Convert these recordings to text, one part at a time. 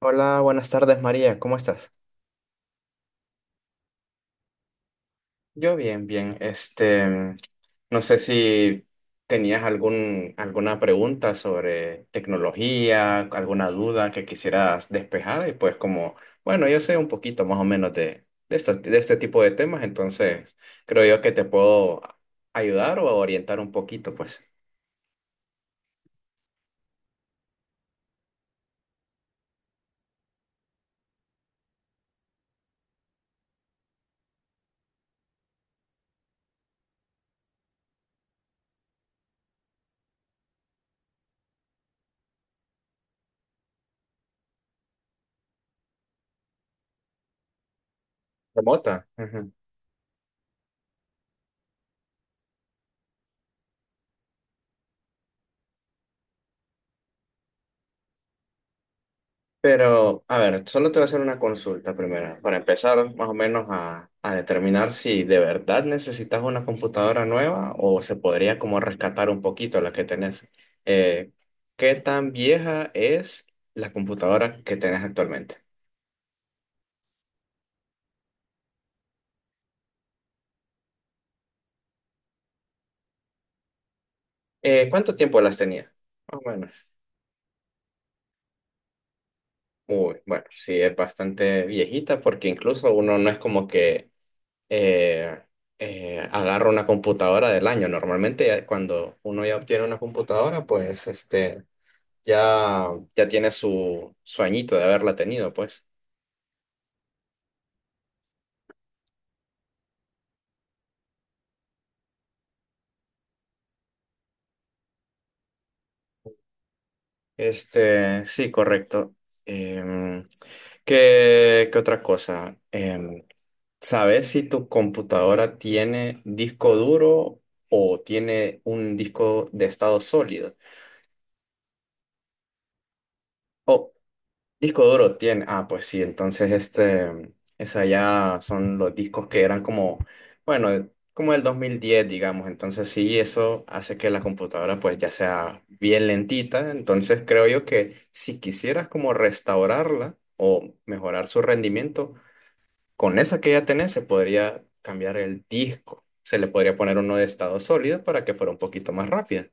Hola, buenas tardes María, ¿cómo estás? Yo bien, bien. No sé si tenías alguna pregunta sobre tecnología, alguna duda que quisieras despejar y pues como, bueno, yo sé un poquito más o menos de este tipo de temas, entonces creo yo que te puedo ayudar o orientar un poquito, pues. Remota. Pero, a ver, solo te voy a hacer una consulta primero, para empezar más o menos a determinar si de verdad necesitas una computadora nueva o se podría como rescatar un poquito la que tenés. Eh, ¿Qué tan vieja es la computadora que tenés actualmente? ¿Cuánto tiempo las tenías? Más o menos. Uy, bueno, sí, es bastante viejita porque incluso uno no es como que eh, agarro una computadora del año. Normalmente ya cuando uno ya obtiene una computadora, pues ya, ya tiene su añito de haberla tenido, pues. Este, sí, correcto. Em, ¿qué otra cosa? ¿Sabes si tu computadora tiene disco duro o tiene un disco de estado sólido? Disco duro tiene. Ah, pues sí, entonces esa ya son los discos que eran como, bueno, como del diez digamos. Entonces sí, eso hace que la computadora pues ya sea bien lentita. Entonces creo yo que si quisieras como restaurarla o mejorar su rendimiento, con esa que ya tenés se podría cambiar el disco. Se le podría poner uno de estado sólido para que fuera un poquito más rápida.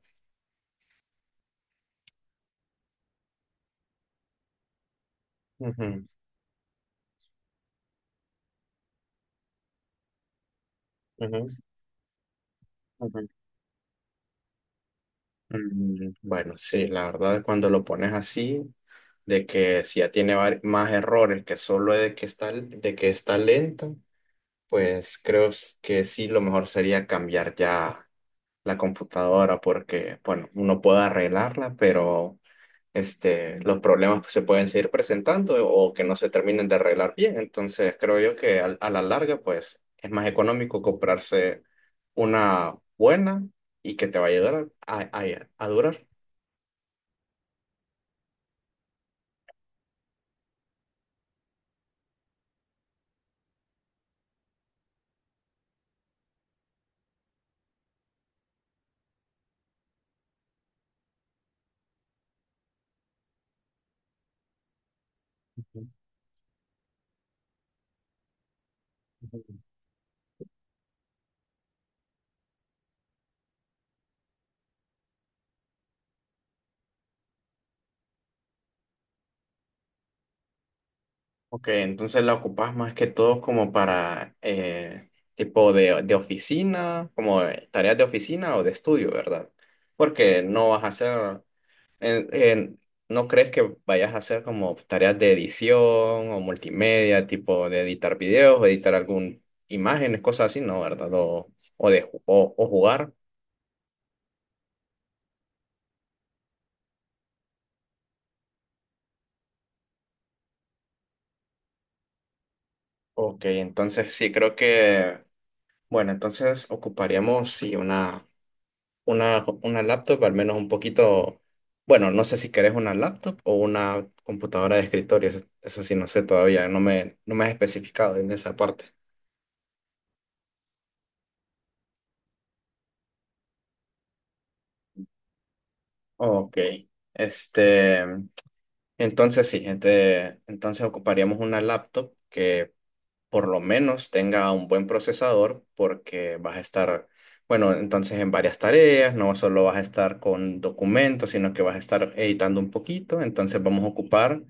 Ujú, ujú, ujú. Mm, bueno, sí, la verdad, cuando lo pones así, de que si ya tiene más errores que solo de que está lenta, pues creo que sí, lo mejor sería cambiar ya la computadora porque, bueno, uno puede arreglarla, pero los problemas se pueden seguir presentando o que no se terminen de arreglar bien. Entonces, creo yo que a la larga, pues es más económico comprarse una buena y que te va a ayudar a durar. Ok, entonces la ocupas más que todo como para tipo de oficina, como tareas de oficina o de estudio, ¿verdad? Porque no vas a hacer, en- en- no crees que vayas a hacer como tareas de edición o multimedia, tipo de editar videos o editar algún imágenes, cosas así, ¿no? ¿Verdad? O, o jugar. Ok, entonces sí creo que, bueno, entonces ocuparíamos sí una laptop, al menos un poquito, bueno, no sé si querés una laptop o una computadora de escritorio, eso sí no sé todavía, no me has especificado en esa parte. Ok, este, entonces sí, entonces ocuparíamos una laptop que por lo menos tenga un buen procesador porque vas a estar, bueno, entonces en varias tareas, no solo vas a estar con documentos, sino que vas a estar editando un poquito, entonces vamos a ocupar,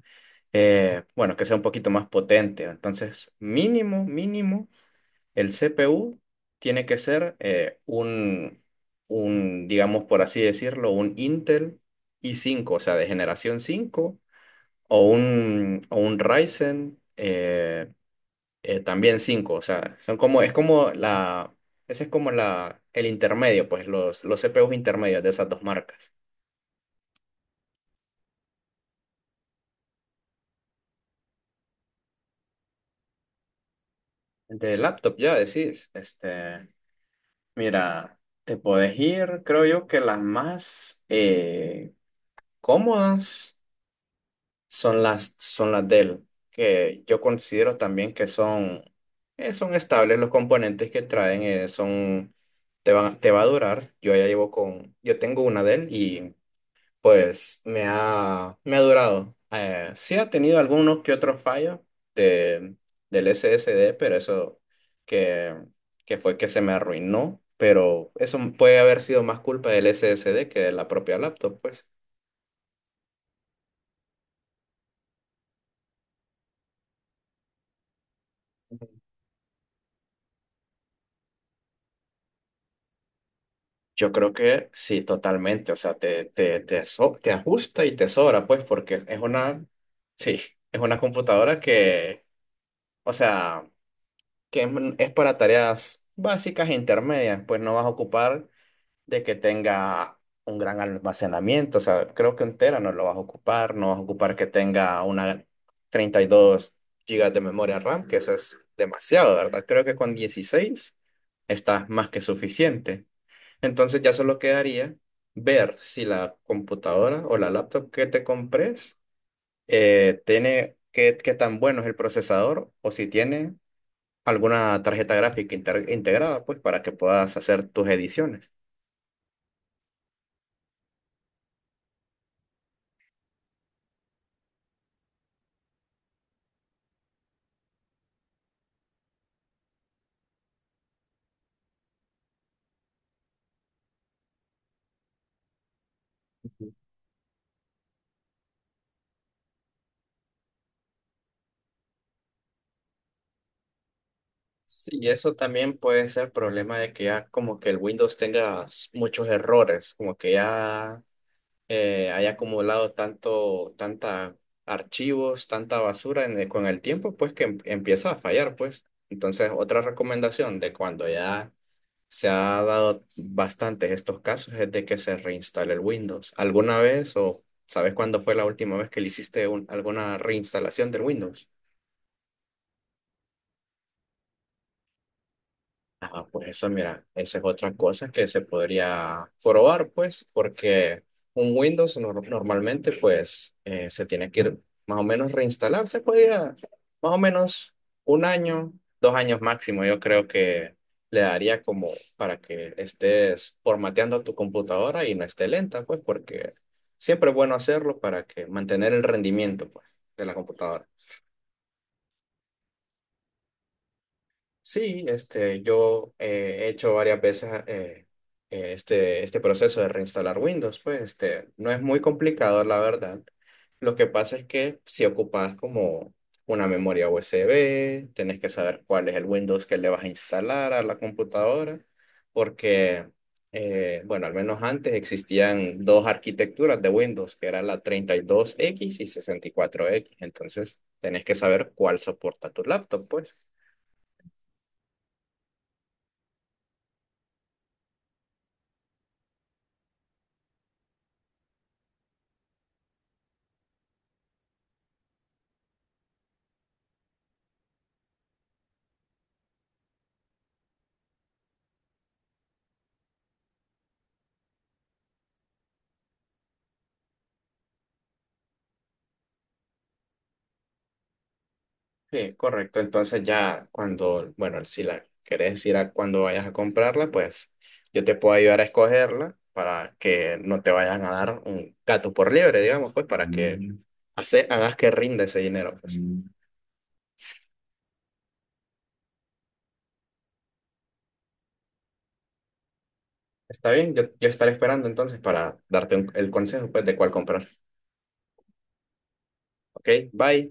bueno, que sea un poquito más potente. Entonces, mínimo, mínimo, el CPU tiene que ser digamos por así decirlo, un Intel i5, o sea, de generación 5 o un Ryzen. También cinco, o sea, ese es como la, el intermedio, pues los CPUs intermedios de esas dos marcas. El de laptop ya decís, mira, te podés ir, creo yo que las más cómodas son son las Dell, que yo considero también que son, son estables los componentes que traen, te va a durar, yo ya llevo con, yo tengo una Dell y pues me ha durado. Sí ha tenido algunos que otros fallos de, del SSD, pero eso que, que fue que se me arruinó. Pero eso puede haber sido más culpa del SSD que de la propia laptop, pues. Yo creo que sí, totalmente. O sea, te ajusta y te sobra, pues, porque sí, es una computadora o sea, que es para tareas básicas e intermedias, pues no vas a ocupar de que tenga un gran almacenamiento. O sea, creo que un tera no lo vas a ocupar, no vas a ocupar que tenga una 32 gigas de memoria RAM, que eso es demasiado, ¿verdad? Creo que con 16 está más que suficiente. Entonces ya solo quedaría ver si la computadora o la laptop que te compres tiene qué tan bueno es el procesador o si tiene alguna tarjeta gráfica integrada, pues para que puedas hacer tus ediciones. Sí, y eso también puede ser problema de que ya como que el Windows tenga muchos errores, como que ya haya acumulado tanta archivos, tanta basura en con el tiempo, pues que empieza a fallar, pues. Entonces, otra recomendación de cuando ya se ha dado bastantes estos casos es de que se reinstale el Windows. ¿Alguna vez o sabes cuándo fue la última vez que le hiciste alguna reinstalación del Windows? Ah, pues eso, mira, esa es otra cosa que se podría probar, pues, porque un Windows normalmente, pues, se tiene que ir más o menos reinstalar, se podía más o menos un año, 2 años máximo, yo creo que le daría como para que estés formateando tu computadora y no esté lenta, pues, porque siempre es bueno hacerlo para que mantener el rendimiento, pues, de la computadora. Sí, yo he hecho varias veces este proceso de reinstalar Windows, pues no es muy complicado, la verdad. Lo que pasa es que si ocupas como una memoria USB, tenés que saber cuál es el Windows que le vas a instalar a la computadora, porque, bueno, al menos antes existían dos arquitecturas de Windows, que era la 32x y 64x, entonces tenés que saber cuál soporta tu laptop, pues. Sí, correcto. Entonces ya cuando, bueno, si la querés decir a cuando vayas a comprarla, pues yo te puedo ayudar a escogerla para que no te vayan a dar un gato por liebre, digamos, pues para que mm. Hagas que rinda ese dinero, pues. Mm. Está bien, yo estaré esperando entonces para darte el consejo, pues, de cuál comprar. Ok, bye.